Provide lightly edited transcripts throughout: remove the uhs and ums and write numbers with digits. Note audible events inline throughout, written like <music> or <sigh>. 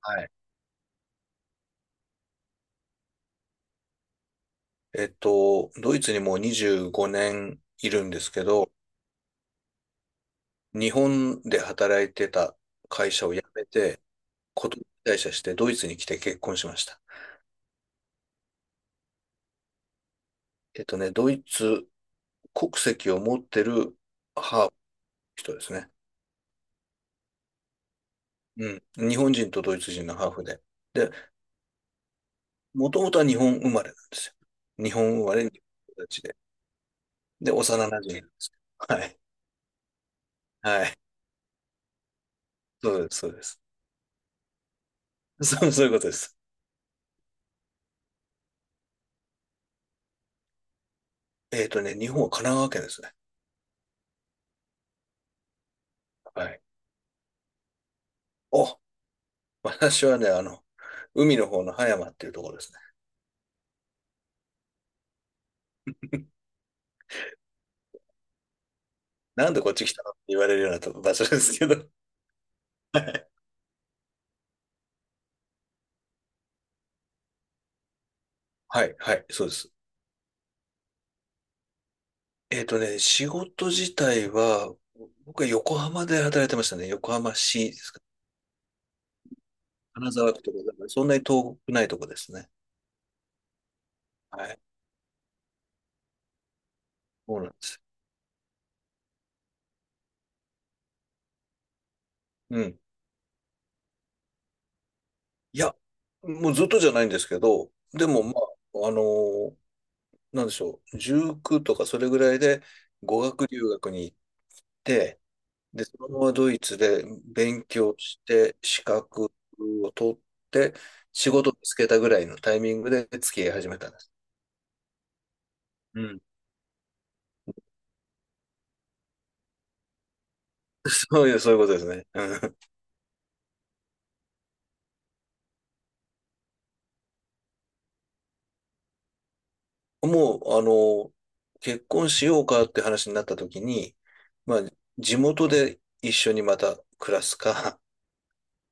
はい。ドイツにもう25年いるんですけど、日本で働いてた会社を辞めて、こと退社してドイツに来て結婚しました。えっとね、ドイツ国籍を持ってるハーフの人ですね。うん。日本人とドイツ人のハーフで。で、もともとは日本生まれなんですよ。日本生まれの人たちで。で、幼馴染なんです。はい。はい。そうです、そうです。そう、そういうことです。えっとね、日本は神奈川県ですね。はい。あ、私はね、海の方の葉山っていうところですね。なんでこっち来たのって言われるようなと場所ですけど。はい、はい、そうです。えっとね、仕事自体は、僕は横浜で働いてましたね。横浜市ですか。金沢区とか、そんなに遠くないとこですね。はい、そうなんです。うん。いや、もうずっとじゃないんですけど、でも、まあ、あのーなんでしょう、19とかそれぐらいで語学留学に行って、で、そのままドイツで勉強して、資格を取って、仕事をつけたぐらいのタイミングで付き合い始めたんです。うん。<laughs> そういうことですね。うん、<laughs> もう、あの、結婚しようかって話になった時に、まあ、地元で一緒にまた暮らすか、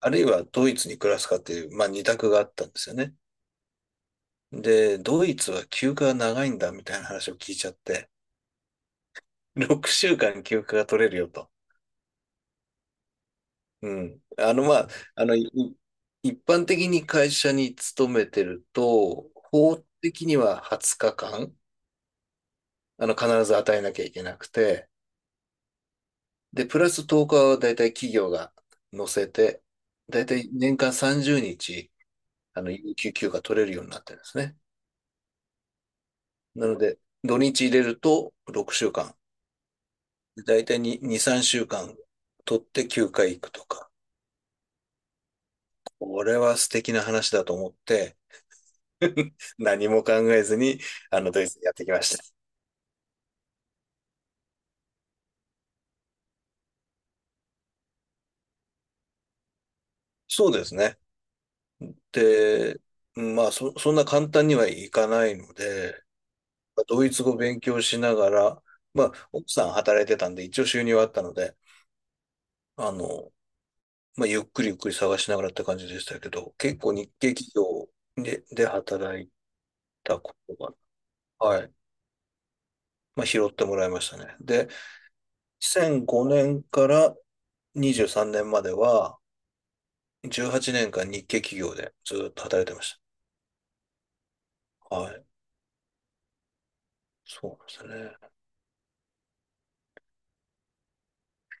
あるいはドイツに暮らすかっていう、まあ、二択があったんですよね。で、ドイツは休暇が長いんだみたいな話を聞いちゃって、<laughs> 6週間休暇が取れるよと。うん。あの、まあ、あの、い一般的に会社に勤めてると、法的には20日間、必ず与えなきゃいけなくて、で、プラス10日は大体企業が乗せて、大体年間30日、有給休暇取れるようになってるんですね。なので、土日入れると6週間、大体に2、3週間取って休暇行くとか、これは素敵な話だと思って、何も考えずに、ドイツにやってきました。そうですね。で、そんな簡単にはいかないので、まあドイツ語勉強しながら、まあ、奥さん働いてたんで、一応収入はあったので、あの、ゆっくりゆっくり探しながらって感じでしたけど、結構日系企業で、働いたことが、はい、まあ、拾ってもらいましたね。で、2005年から23年までは、18年間日系企業でずっと働いてました。はい、そうなんですね。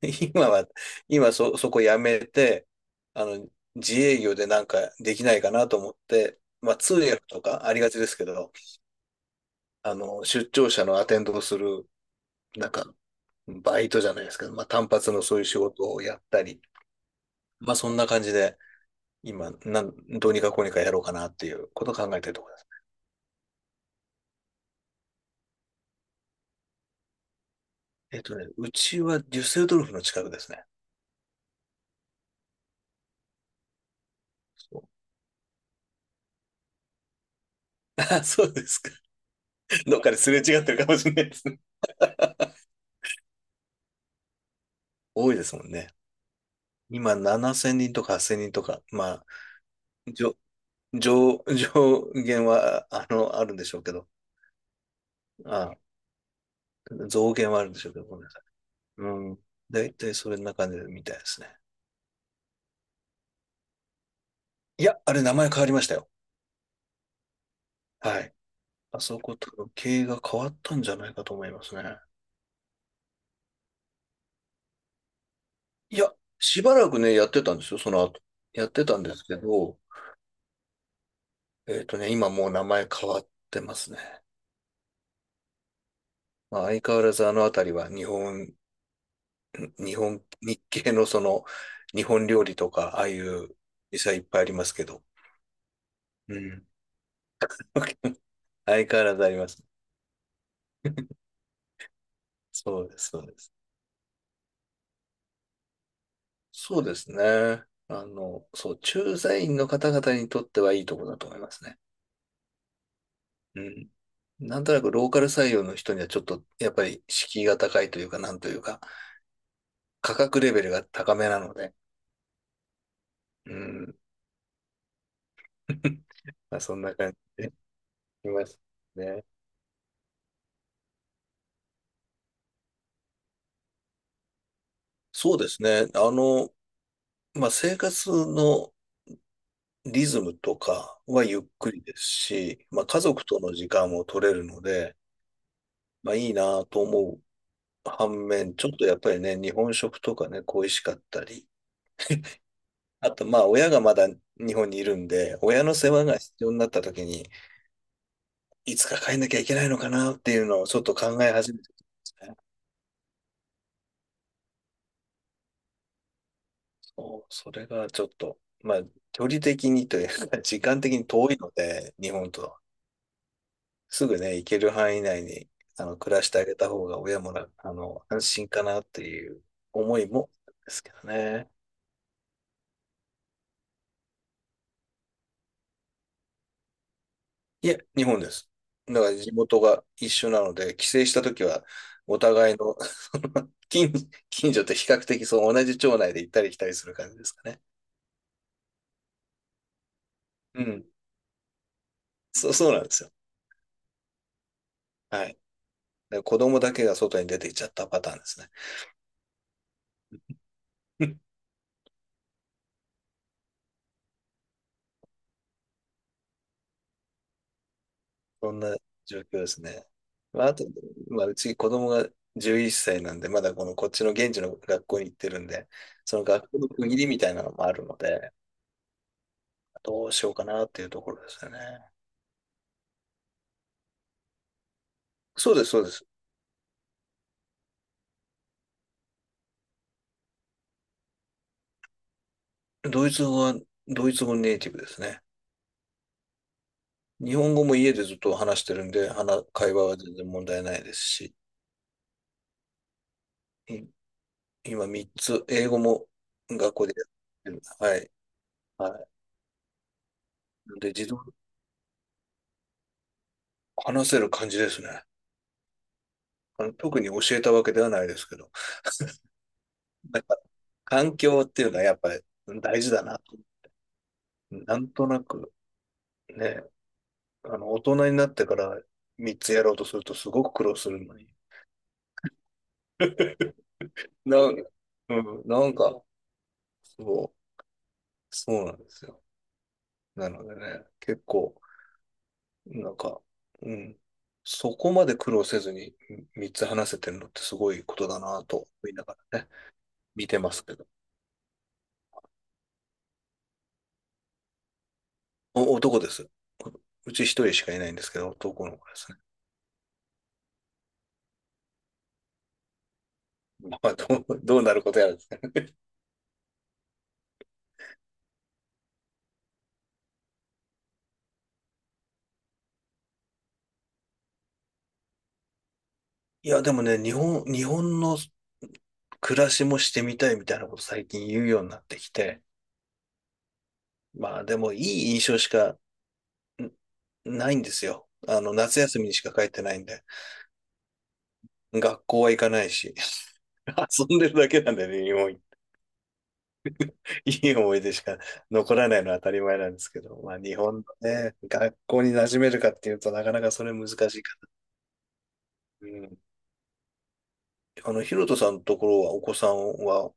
<laughs> 今は、そこやめて、あの、自営業でなんかできないかなと思って、まあ通訳とかありがちですけど、あの、出張者のアテンドをする、なんか、バイトじゃないですけど、まあ単発のそういう仕事をやったり、まあそんな感じで、今、なん、どうにかこうにかやろうかなっていうことを考えてるところです。えっとね、うちはデュッセルドルフの近くですね。そう、 <laughs> あ、そうですか。どっかですれ違ってるかもしれないですね。多いですもんね。今7000人とか8000人とか、まじょ、上、<laughs> 上限は、あるんでしょうけど、あ、増減はあるんでしょうけど、ごめんなさい。うん。だいたいそれな感じみたいですね。いや、あれ名前変わりましたよ。はい。あそことの経営が変わったんじゃないかと思いますね。いや、しばらくね、やってたんですよ、その後。やってたんですけど、えっとね、今もう名前変わってますね。まあ、相変わらずあのあたりは日系のその、日本料理とか、ああいう店はいっぱいありますけど、うん。<laughs> 相変わらずあります。そうです、そうです。そうですね。駐在員の方々にとってはいいとこだと思いますね。うん。なんとなくローカル採用の人にはちょっと、やっぱり敷居が高いというか、なんというか、価格レベルが高めなので、うん。<laughs> まあ、そんな感じでいますね。そうですね。まあ、生活のリズムとかはゆっくりですし、まあ、家族との時間も取れるので、まあ、いいなと思う反面、ちょっとやっぱりね、日本食とかね、恋しかったり、あとまあ親がまだ日本にいるんで、親の世話が必要になった時に、いつか帰んなきゃいけないのかなっていうのをちょっと考え始めてたんですね。そう、それがちょっと、まあ距離的にというか、時間的に遠いので、日本と。すぐね、行ける範囲内に暮らしてあげた方が親もあの安心かなっていう思いもあるんですけどね。いえ、日本です。だから地元が一緒なので、帰省したときは、お互いの近所と比較的そう同じ町内で行ったり来たりする感じですかね。うん。そう、そうなんですよ。はい。で子供だけが外に出ていっちゃったパターンですね。<laughs> そんな状況ですね。まあ、あと、まあ、うち子供が11歳なんで、まだこのこっちの現地の学校に行ってるんで、その学校の区切りみたいなのもあるので、どうしようかなっていうところですよね。そうです、そうです。ドイツ語は、ドイツ語ネイティブですね。日本語も家でずっと話してるんで、会話は全然問題ないですし、い今3つ、英語も学校でやってる。はい。はい。なんで、話せる感じですね。あの、特に教えたわけではないですけど。<laughs> なんか、環境っていうのはやっぱり大事だなと。なんとなく、ね、あの、大人になってから3つやろうとするとすごく苦労するのに。な、うん、なんか、そう、そうなんですよ。なのでね、結構、なんか、うん、そこまで苦労せずに3つ話せてるのってすごいことだなと思いながらね、見てますけど。男です。うち一人しかいないんですけど、男の子ですね。まあ、どうなることやらですね。いや、でもね、日本の暮らしもしてみたいみたいなこと最近言うようになってきて、まあでもいい印象しかないんですよ。あの、夏休みにしか帰ってないんで。学校は行かないし、<laughs> 遊んでるだけなんでね、日本、いい思い出しか残らないのは当たり前なんですけど、まあ日本のね、学校に馴染めるかっていうとなかなかそれ難しいか。うん。あの、ヒロトさんのところはお子さんは、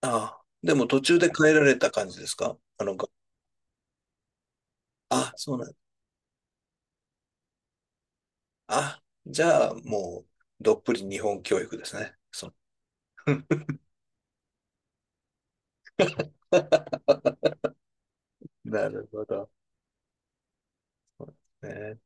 ああ、でも途中で帰られた感じですかあ、そうなんあ、じゃあもう、どっぷり日本教育ですね。そう。<laughs> なるほど。<laughs> そうですね。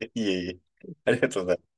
<laughs> いえいえ。ありがとうございます。